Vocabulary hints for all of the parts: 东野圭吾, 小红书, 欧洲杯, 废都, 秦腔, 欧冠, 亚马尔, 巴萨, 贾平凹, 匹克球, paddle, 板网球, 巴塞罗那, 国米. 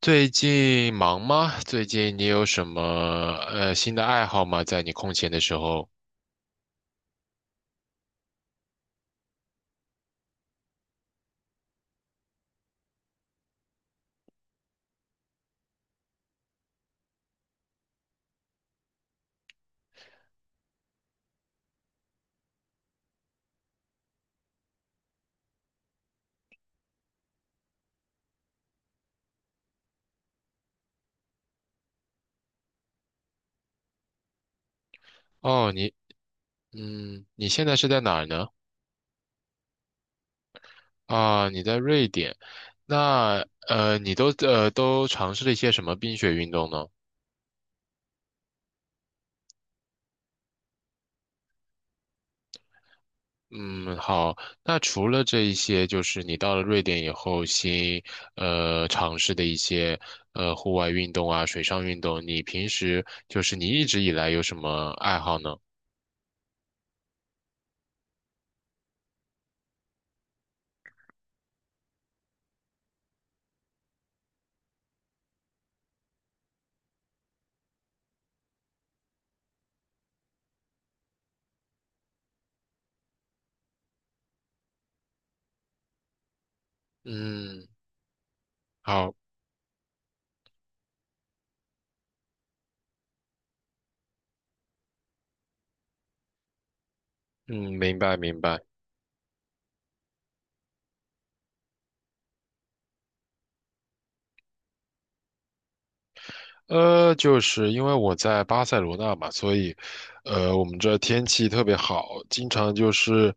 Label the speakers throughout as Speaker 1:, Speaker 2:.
Speaker 1: 最近忙吗？最近你有什么新的爱好吗？在你空闲的时候？哦，你嗯，你现在是在哪儿呢？啊，你在瑞典。那你都都尝试了一些什么冰雪运动呢？嗯，好。那除了这一些，就是你到了瑞典以后新尝试的一些户外运动啊，水上运动，你平时就是你一直以来有什么爱好呢？嗯，好。嗯，明白明白。就是因为我在巴塞罗那嘛，所以，我们这天气特别好，经常就是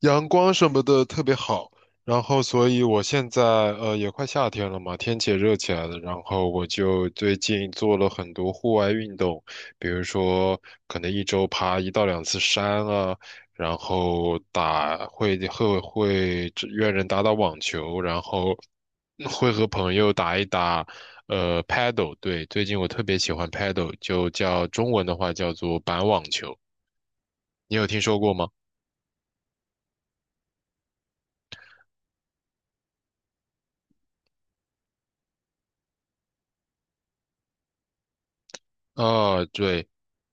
Speaker 1: 阳光什么的特别好。然后，所以我现在也快夏天了嘛，天气也热起来了。然后我就最近做了很多户外运动，比如说可能一周爬一到两次山啊，然后打会只约人打打网球，然后会和朋友打一打paddle。对，最近我特别喜欢 paddle,就叫中文的话叫做板网球，你有听说过吗？啊，对，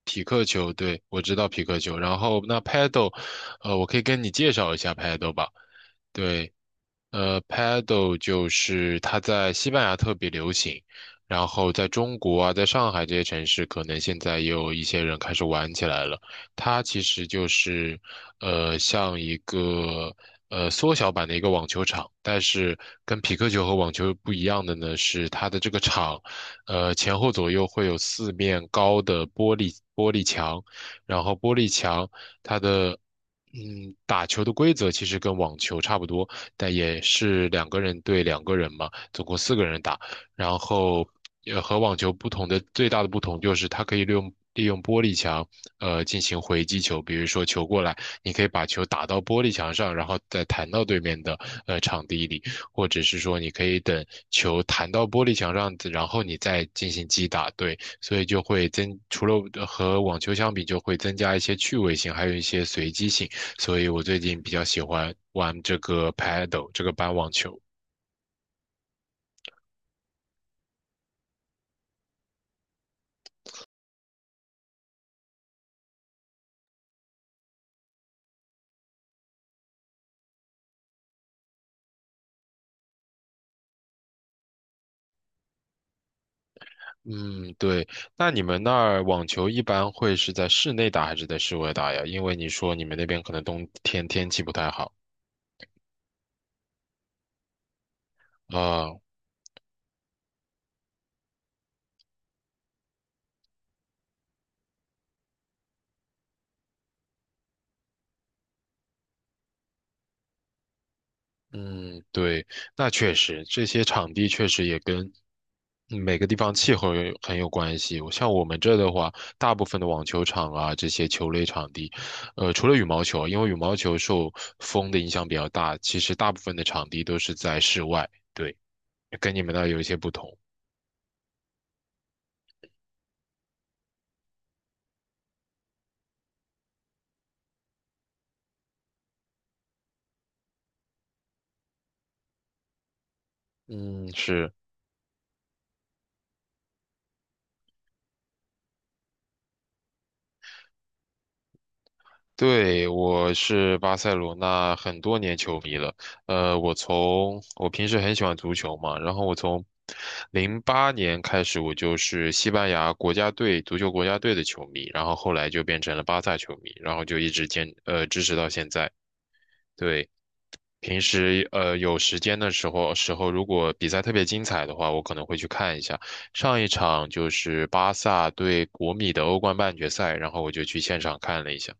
Speaker 1: 匹克球，对，我知道匹克球。然后那 paddle，我可以跟你介绍一下 paddle 吧。对，paddle 就是它在西班牙特别流行，然后在中国啊，在上海这些城市，可能现在也有一些人开始玩起来了。它其实就是，像一个缩小版的一个网球场，但是跟匹克球和网球不一样的呢，是它的这个场，前后左右会有四面高的玻璃墙，然后玻璃墙它的。嗯，打球的规则其实跟网球差不多，但也是两个人对两个人嘛，总共四个人打。然后，和网球不同的最大的不同就是它可以利用玻璃墙，进行回击球。比如说球过来，你可以把球打到玻璃墙上，然后再弹到对面的场地里，或者是说你可以等球弹到玻璃墙上，然后你再进行击打。对，所以就会增，除了和网球相比，就会增加一些趣味性，还有一些随机性。所以我最近比较喜欢玩这个 paddle 这个板网球。嗯，对。那你们那儿网球一般会是在室内打还是在室外打呀？因为你说你们那边可能冬天天气不太好啊，嗯，对，那确实，这些场地确实也跟每个地方气候有很有关系。我像我们这的话，大部分的网球场啊，这些球类场地，除了羽毛球，因为羽毛球受风的影响比较大，其实大部分的场地都是在室外。对，跟你们那儿有一些不同。嗯，是。对，我是巴塞罗那很多年球迷了。我从我平时很喜欢足球嘛，然后我从08年开始，我就是西班牙国家队足球国家队的球迷，然后后来就变成了巴萨球迷，然后就一直支持到现在。对，平时有时间的时候，如果比赛特别精彩的话，我可能会去看一下。上一场就是巴萨对国米的欧冠半决赛，然后我就去现场看了一下。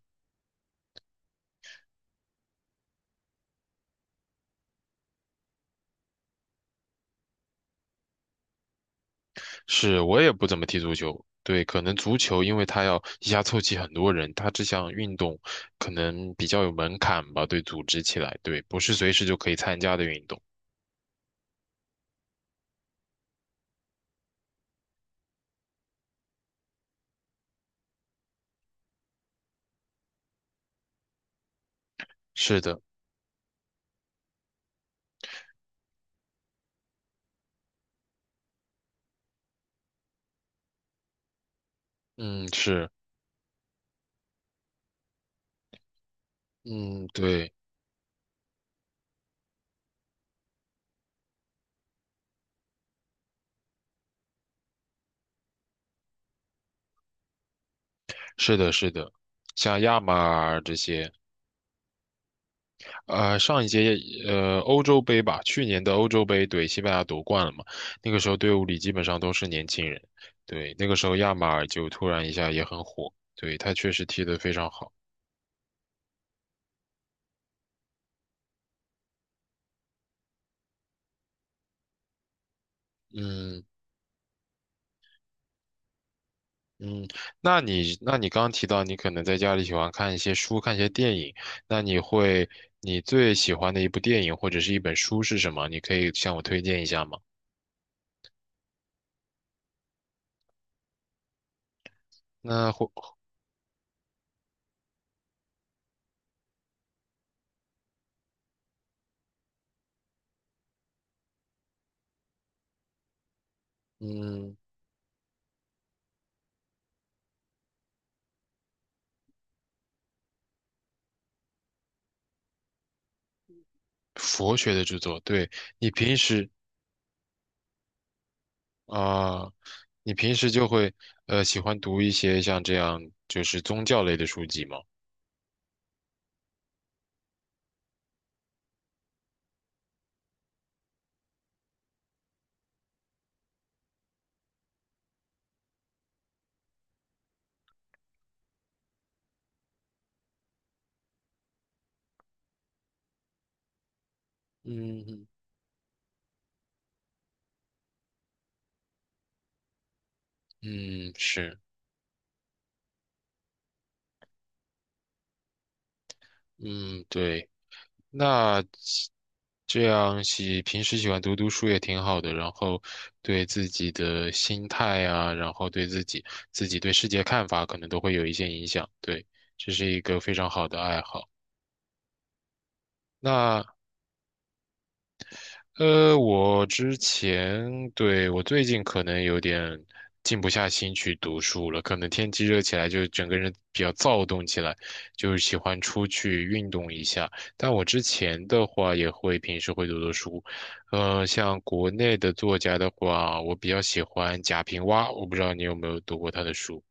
Speaker 1: 是我也不怎么踢足球，对，可能足球因为它要一下凑齐很多人，它这项运动可能比较有门槛吧，对，组织起来，对，不是随时就可以参加的运动。是的，嗯，是，嗯，对，是的，是的，像亚马尔这些，上一届欧洲杯吧，去年的欧洲杯，对，西班牙夺冠了嘛，那个时候队伍里基本上都是年轻人，对，那个时候亚马尔就突然一下也很火，对，他确实踢得非常好。嗯，嗯，那你刚刚提到你可能在家里喜欢看一些书，看一些电影，那你会你最喜欢的一部电影或者是一本书是什么？你可以向我推荐一下吗？那或嗯，佛学的著作，对，你平时啊，你平时就会喜欢读一些像这样就是宗教类的书籍吗？嗯嗯，是，嗯对。那这样喜平时喜欢读读书也挺好的，然后对自己的心态啊，然后自己对世界看法，可能都会有一些影响。对，这是一个非常好的爱好。那我之前，对，我最近可能有点静不下心去读书了，可能天气热起来，就整个人比较躁动起来，就是喜欢出去运动一下。但我之前的话，也会平时会读读书，像国内的作家的话，我比较喜欢贾平凹，我不知道你有没有读过他的书，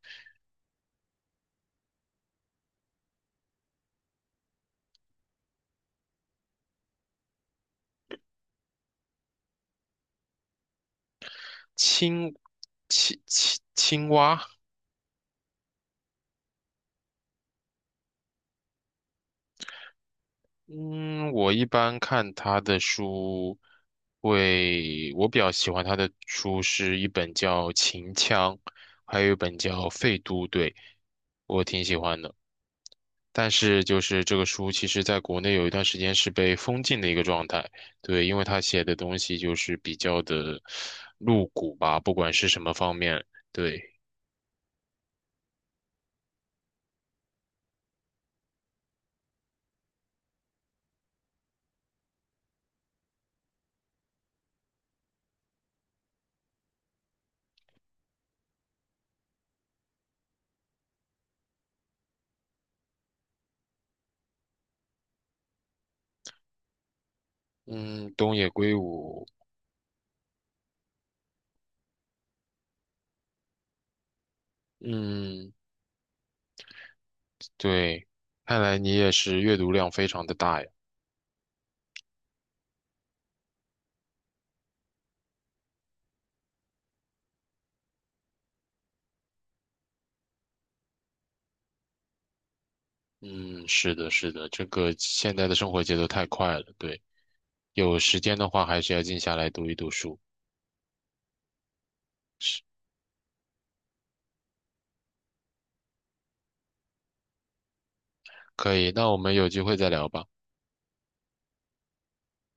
Speaker 1: 青青蛙。嗯，我一般看他的书会，我比较喜欢他的书是一本叫《秦腔》，还有一本叫《废都》，对，我挺喜欢的。但是就是这个书，其实在国内有一段时间是被封禁的一个状态，对，因为他写的东西就是比较的露骨吧，不管是什么方面，对，嗯，东野圭吾，嗯，对，看来你也是阅读量非常的大呀。嗯，是的，是的，这个现在的生活节奏太快了，对，有时间的话还是要静下来读一读书。可以，那我们有机会再聊吧。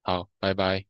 Speaker 1: 好，拜拜。